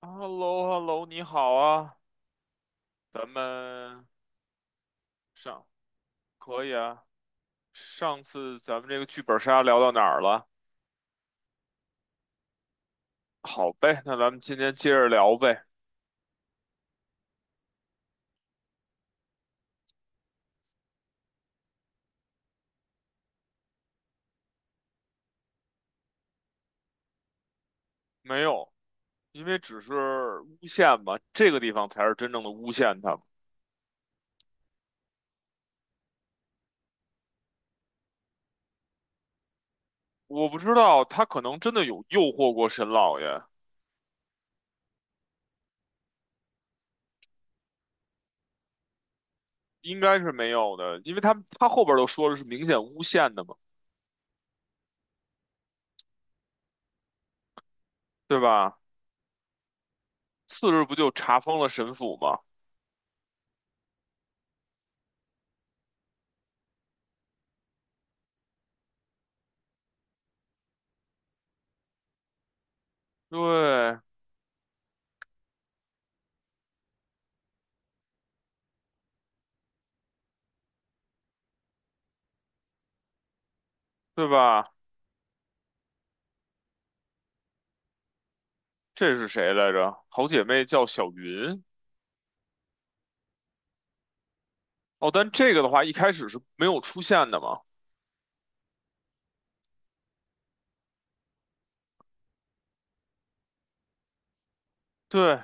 h e l l o h e l l o 你好啊，咱们上可以啊。上次咱们这个剧本杀聊到哪儿了？好呗，那咱们今天接着聊呗。没有，因为只是诬陷嘛，这个地方才是真正的诬陷他们。我不知道他可能真的有诱惑过沈老爷，应该是没有的，因为他后边都说了是明显诬陷的嘛，对吧？次日不就查封了沈府吗？对，对吧？这是谁来着？好姐妹叫小云。哦，但这个的话一开始是没有出现的嘛？对，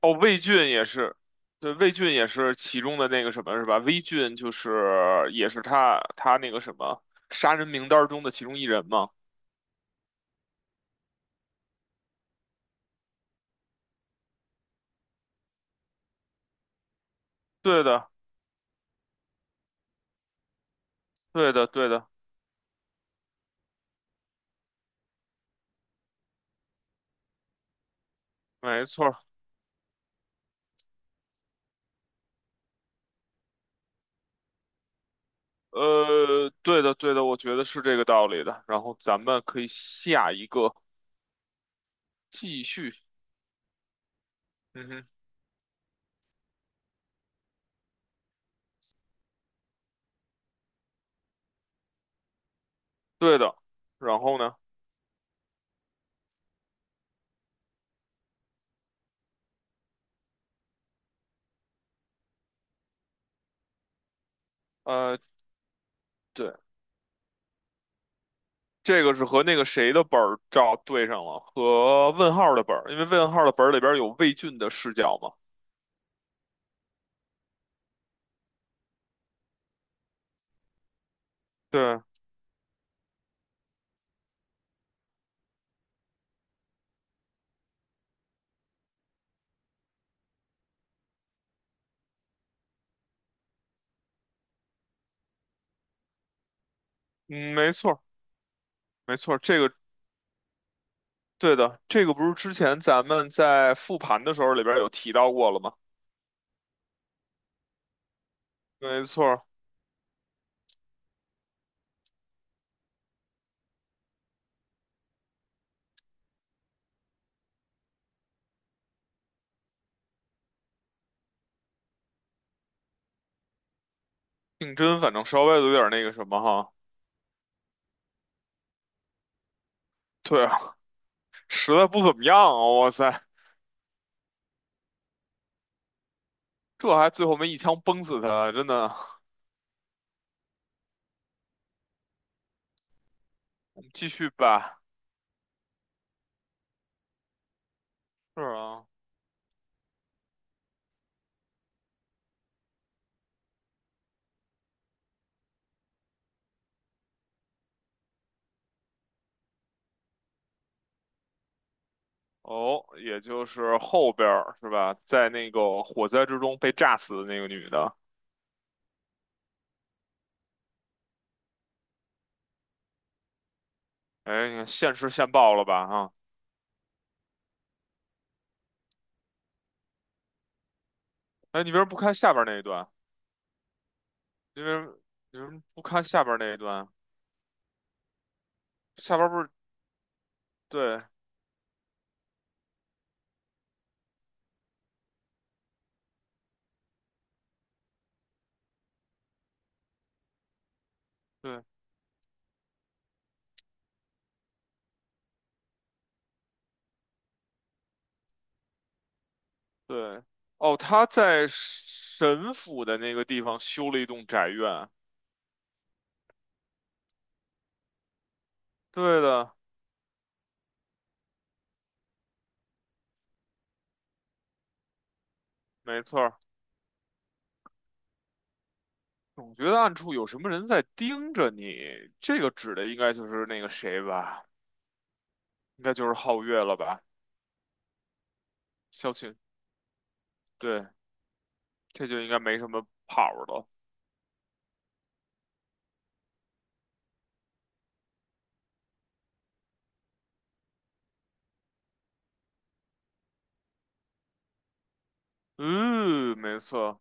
哦，魏俊也是，对，魏俊也是其中的那个什么是吧？魏俊就是也是他那个什么杀人名单中的其中一人嘛？对的，对的，对的，没错儿。对的，对的，我觉得是这个道理的。然后咱们可以下一个继续，嗯哼，对的。然后呢？呃。对。这个是和那个谁的本儿照对上了，和问号的本儿，因为问号的本儿里边有魏俊的视角嘛。对，嗯，没错。没错，这个对的，这个不是之前咱们在复盘的时候里边有提到过了吗？没错儿，竞争反正稍微有点那个什么哈，对啊，实在不怎么样啊，哇塞，这还最后没一枪崩死他，真的。我们继续吧，是啊，哦，也就是后边儿是吧，在那个火灾之中被炸死的那个女的。哎，你看现吃现爆了吧啊？哎，你为什么不看下边那一段？你为什么你为什么不看下边那一段？下边不是对。对对哦，他在神府的那个地方修了一栋宅院啊。对的，没错儿。总觉得暗处有什么人在盯着你，这个指的应该就是那个谁吧？应该就是皓月了吧？萧晴，对，这就应该没什么跑儿了。嗯，没错，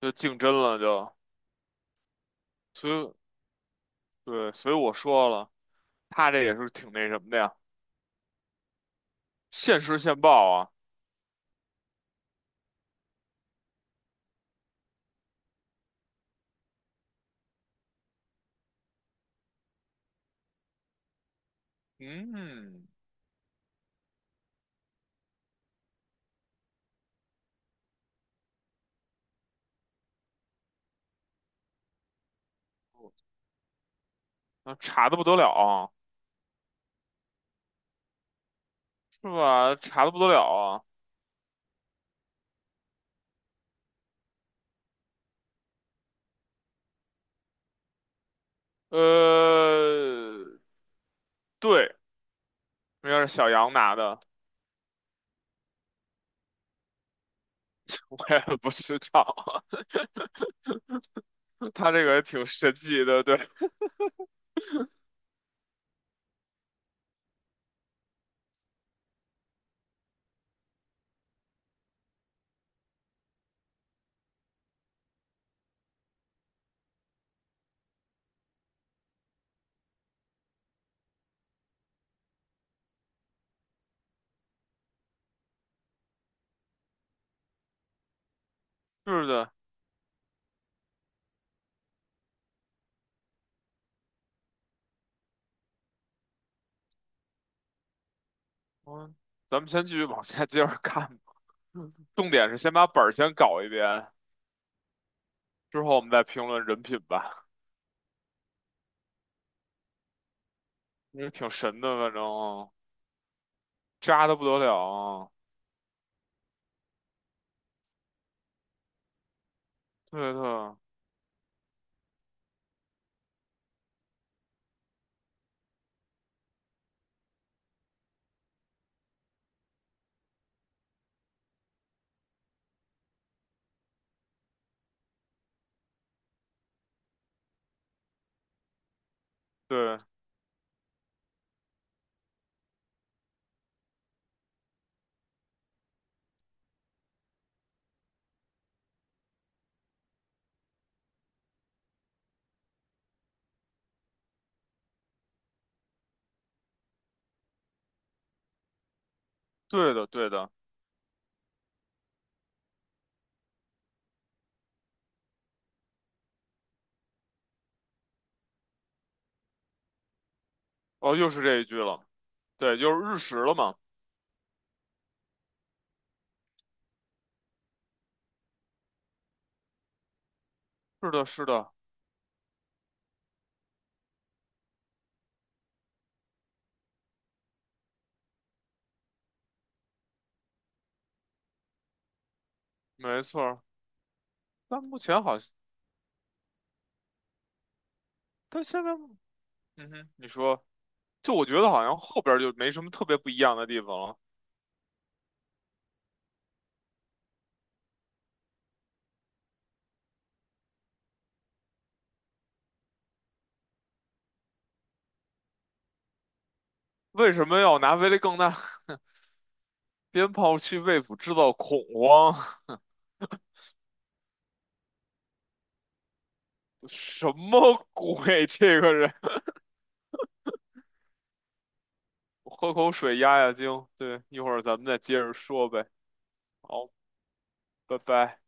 就竞争了就，所以。对，所以我说了，他这也是挺那什么的呀，现实现报啊，嗯，那查的不得了啊，是吧？查的不得了啊，呃，对，应该是小杨拿的，我也不知道，他这个也挺神奇的，对，是的，嗯，咱们先继续往下接着看吧，重点是先把本儿先搞一遍，之后我们再评论人品吧，因为挺神的，反正渣的不得了啊，对对。对，对的，对的，哦，又是这一句了，对，就是日食了嘛。是的，是的，没错儿。但目前好像，但现在，嗯哼，你说，就我觉得好像后边儿就没什么特别不一样的地方了。为什么要拿威力更大鞭炮去为府制造恐慌？什么鬼？这个人，我喝口水压压惊。对，一会儿咱们再接着说呗。好，拜拜。